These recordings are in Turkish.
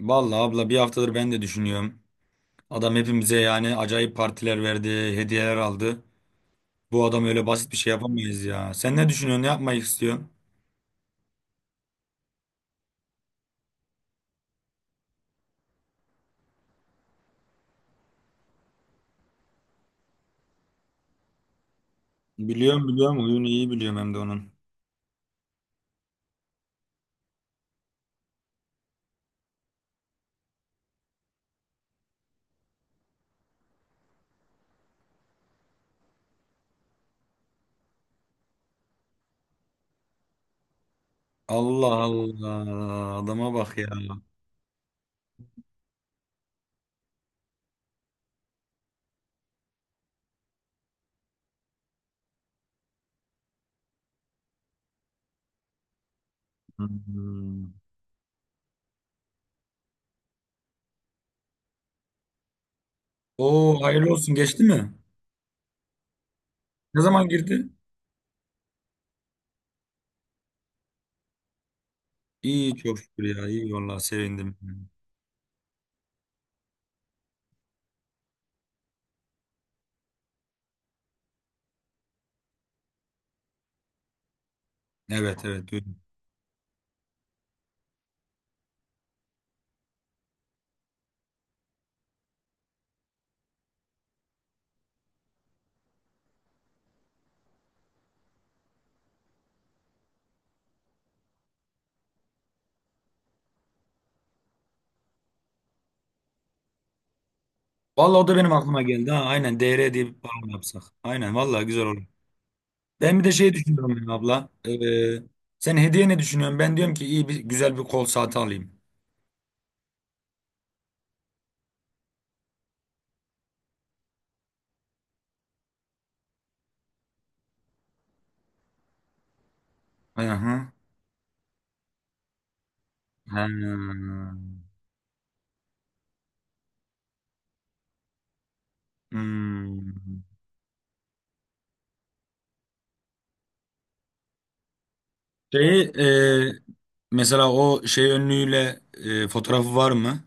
Vallahi abla bir haftadır ben de düşünüyorum. Adam hepimize yani acayip partiler verdi, hediyeler aldı. Bu adam öyle basit bir şey yapamayız ya. Sen ne düşünüyorsun, ne yapmayı istiyorsun? Biliyorum biliyorum, huyunu iyi biliyorum hem de onun. Allah Allah, adama bak ya. Hmm. Oo, hayırlı olsun, geçti mi? Ne zaman girdi? İyi çok şükür ya, iyi vallahi sevindim. Evet evet duydum. Vallahi o da benim aklıma geldi ha. Aynen DR diye bir program yapsak. Aynen vallahi güzel olur. Ben bir de şey düşünüyorum ya abla. Sen hediye ne düşünüyorsun? Ben diyorum ki iyi bir güzel bir kol saati alayım. Hı. Ha. Hmm. Şeyi, mesela o şey önlüğüyle fotoğrafı var mı?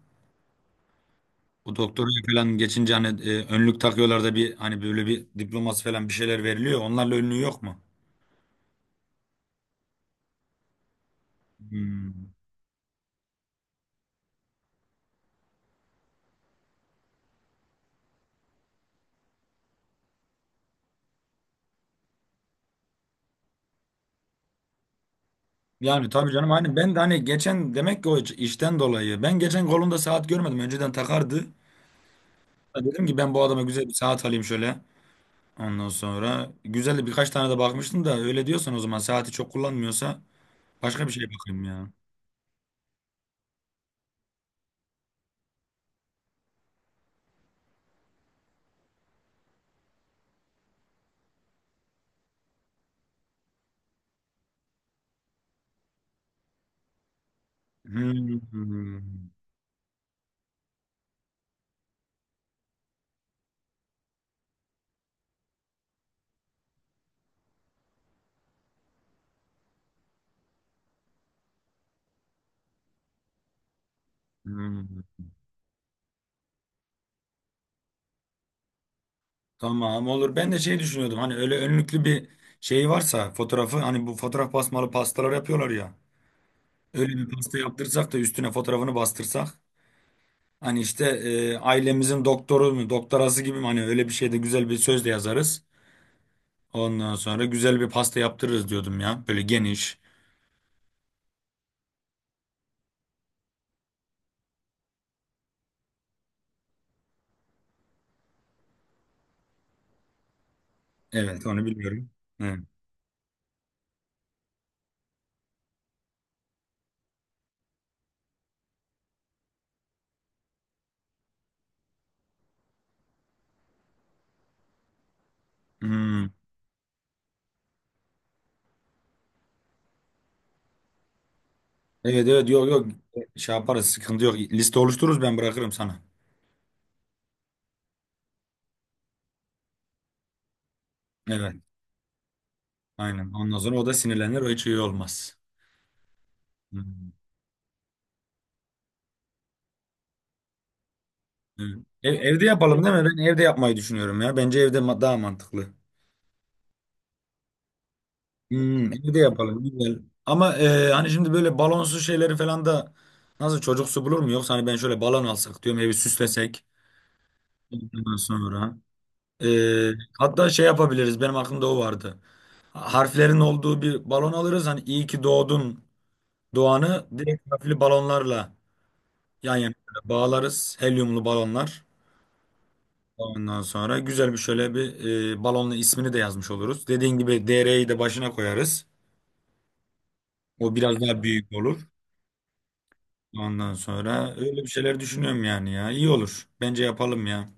O doktora falan geçince hani önlük takıyorlar da bir hani böyle bir diploması falan bir şeyler veriliyor. Onlarla önlüğü yok mu? Hmm. Yani tabii canım hani ben de hani geçen demek ki o işten dolayı ben geçen kolunda saat görmedim. Önceden takardı. Dedim ki ben bu adama güzel bir saat alayım şöyle. Ondan sonra güzel de birkaç tane de bakmıştım da öyle diyorsan o zaman saati çok kullanmıyorsa başka bir şeye bakayım ya. Hmm, hmm, hmm. Tamam olur. Ben de şey düşünüyordum hani öyle önlüklü bir şey varsa fotoğrafı hani bu fotoğraf basmalı pastalar yapıyorlar ya. Öyle bir pasta yaptırsak da üstüne fotoğrafını bastırsak. Hani işte ailemizin doktoru mu doktorası gibi mi hani öyle bir şeyde güzel bir söz de yazarız. Ondan sonra güzel bir pasta yaptırırız diyordum ya. Böyle geniş. Evet onu biliyorum. Evet. Hmm. Evet evet yok yok şey yaparız sıkıntı yok. Liste oluştururuz ben bırakırım sana. Evet aynen ondan sonra o da sinirlenir o hiç iyi olmaz. Hmm. Evet. Evde yapalım değil mi? Ben evde yapmayı düşünüyorum ya. Bence evde daha mantıklı. Evde yapalım güzel. Ama hani şimdi böyle balonsuz şeyleri falan da nasıl çocuksu bulur mu? Yoksa hani ben şöyle balon alsak diyorum evi süslesek. Ondan sonra. E, Hatta şey yapabiliriz benim aklımda o vardı. Harflerin olduğu bir balon alırız. Hani iyi ki doğdun doğanı direkt harfli balonlarla yan yana böyle bağlarız. Helyumlu balonlar. Ondan sonra güzel bir şöyle bir balonla ismini de yazmış oluruz. Dediğin gibi DR'yi de başına koyarız. O biraz daha büyük olur. Ondan sonra öyle bir şeyler düşünüyorum yani ya. İyi olur. Bence yapalım ya.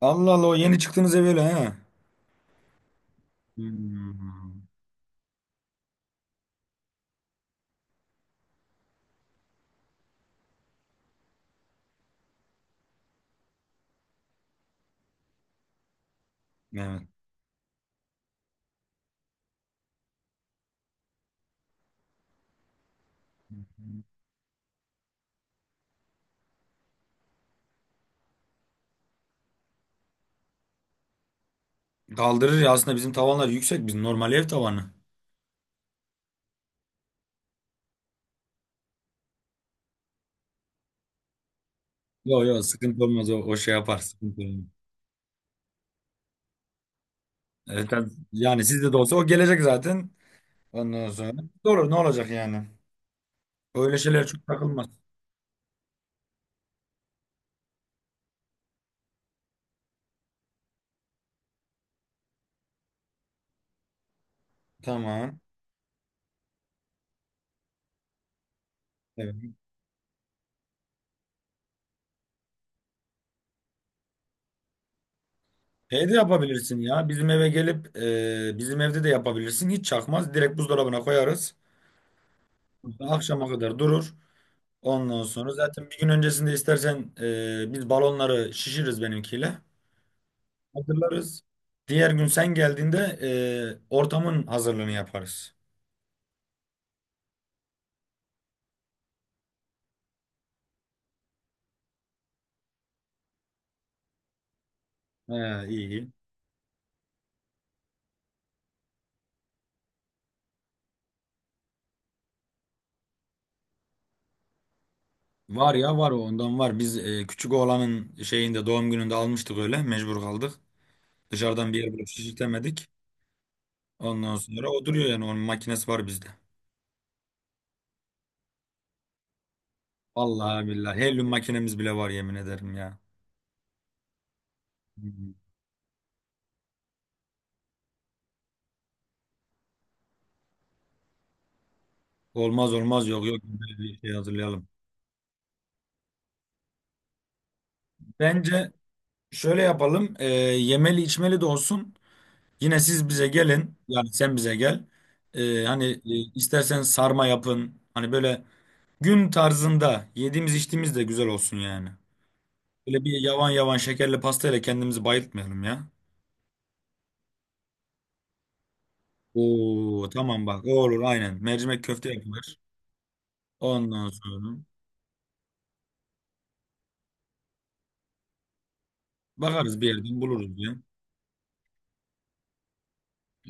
Allah Allah, o yeni çıktığınız ev öyle ha. Hmm, evet. Kaldırır ya, aslında bizim tavanlar yüksek. Bizim normal ev tavanı. Yok yok sıkıntı olmaz o, o şey yapar sıkıntı olmaz. Evet, tabii. Yani sizde de olsa o gelecek zaten. Ondan sonra olur ne olacak yani. Öyle şeyler çok takılmaz. Tamam. Evet. Şey de yapabilirsin ya bizim eve gelip bizim evde de yapabilirsin hiç çakmaz direkt buzdolabına koyarız. Akşama kadar durur. Ondan sonra zaten bir gün öncesinde istersen biz balonları şişiririz benimkiyle. Hazırlarız. Diğer gün sen geldiğinde ortamın hazırlığını yaparız. He, iyi. Var ya var, o ondan var. Biz küçük oğlanın şeyinde doğum gününde almıştık öyle mecbur kaldık. Dışarıdan bir yer bulup şişirtemedik. Ondan sonra o duruyor yani onun makinesi var bizde. Vallahi billahi helyum makinemiz bile var yemin ederim ya. Hı. Hı. Olmaz olmaz yok yok böyle bir şey hazırlayalım. Bence şöyle yapalım yemeli içmeli de olsun. Yine siz bize gelin yani sen bize gel. Hani istersen sarma yapın. Hani böyle gün tarzında yediğimiz içtiğimiz de güzel olsun yani. Böyle bir yavan yavan şekerli pastayla kendimizi bayıltmayalım ya. Oo, tamam bak o olur aynen. Mercimek köfte yapılır. Ondan sonra bakarız bir yerden buluruz ya.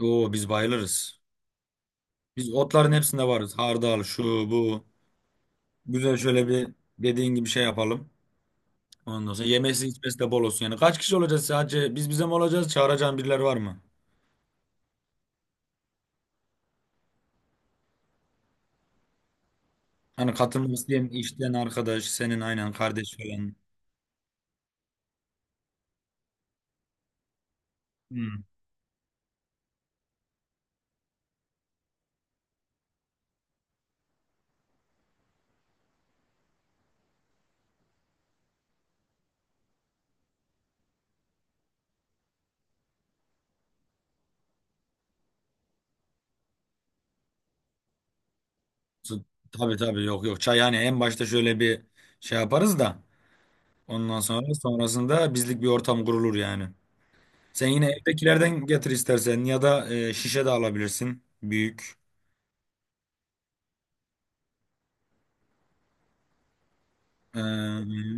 Oo, biz bayılırız. Biz otların hepsinde varız. Hardal şu bu. Güzel şöyle bir dediğin gibi şey yapalım. Ondan sonra yemesi içmesi de bol olsun. Yani kaç kişi olacağız sadece? Biz bize mi olacağız? Çağıracağın birileri var mı? Hani katılmak isteyen işten arkadaş, senin aynen kardeş falan. Hmm. Tabii tabii yok yok. Çay hani en başta şöyle bir şey yaparız da. Ondan sonra sonrasında bizlik bir ortam kurulur yani. Sen yine evdekilerden getir istersen ya da şişe de alabilirsin. Büyük. Ee,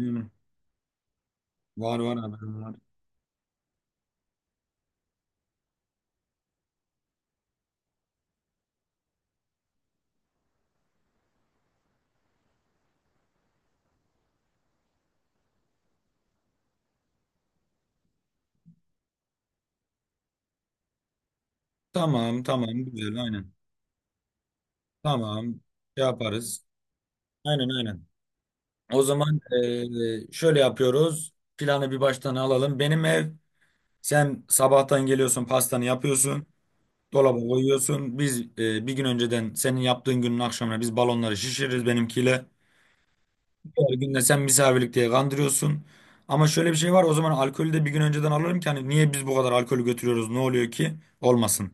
Var var haberim var. Tamam tamam güzel aynen. Tamam şey yaparız. Aynen aynen. O zaman şöyle yapıyoruz. Planı bir baştan alalım. Benim ev Sen sabahtan geliyorsun pastanı yapıyorsun. Dolaba koyuyorsun. Biz bir gün önceden senin yaptığın günün akşamına biz balonları şişiririz benimkiyle. Her gün de sen misafirlik diye kandırıyorsun. Ama şöyle bir şey var, o zaman alkolü de bir gün önceden alırım ki hani niye biz bu kadar alkolü götürüyoruz ne oluyor ki? Olmasın.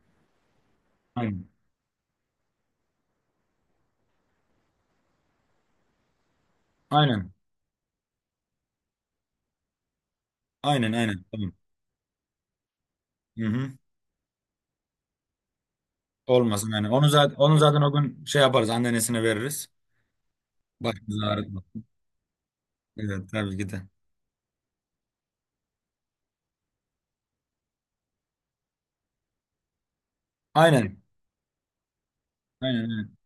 Aynen. Aynen. Aynen aynen. Tamam. Hı hı. Olmasın yani. Onu zaten, onu zaten o gün şey yaparız anneannesine veririz. Başımızı ağrıtma. Evet tabii ki de. Aynen. Aynen. Aynen.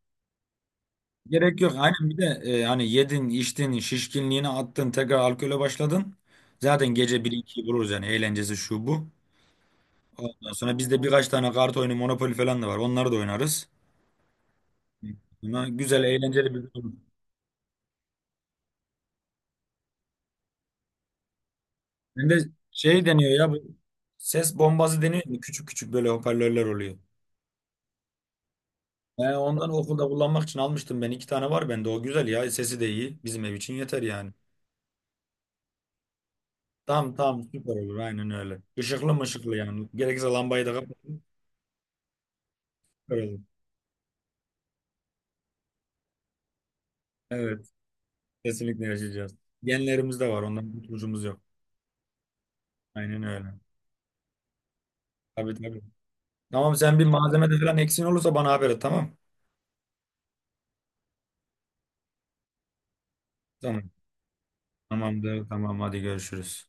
Gerek yok. Aynen bir de hani yedin, içtin, şişkinliğini attın, tekrar alkole başladın. Zaten gece 1-2'yi buluruz yani eğlencesi şu bu. Ondan sonra bizde birkaç tane kart oyunu, Monopoly falan da var. Onları da oynarız. Buna güzel, eğlenceli bir gün olur. Hem de şey deniyor ya bu ses bombası deniyor. Mu Küçük küçük böyle hoparlörler oluyor. Yani ondan okulda kullanmak için almıştım ben. 2 tane var bende. O güzel ya. Sesi de iyi. Bizim ev için yeter yani. Tam tam süper olur. Aynen öyle. Işıklı mı ışıklı yani. Gerekirse lambayı da kapatın. Süper olur. Evet. Kesinlikle yaşayacağız. Genlerimiz de var. Ondan kurtuluşumuz yok. Aynen öyle. Tabii tabii. Tamam sen bir malzemede falan eksin olursa bana haber et tamam. Tamam. Tamamdır. Tamam hadi görüşürüz.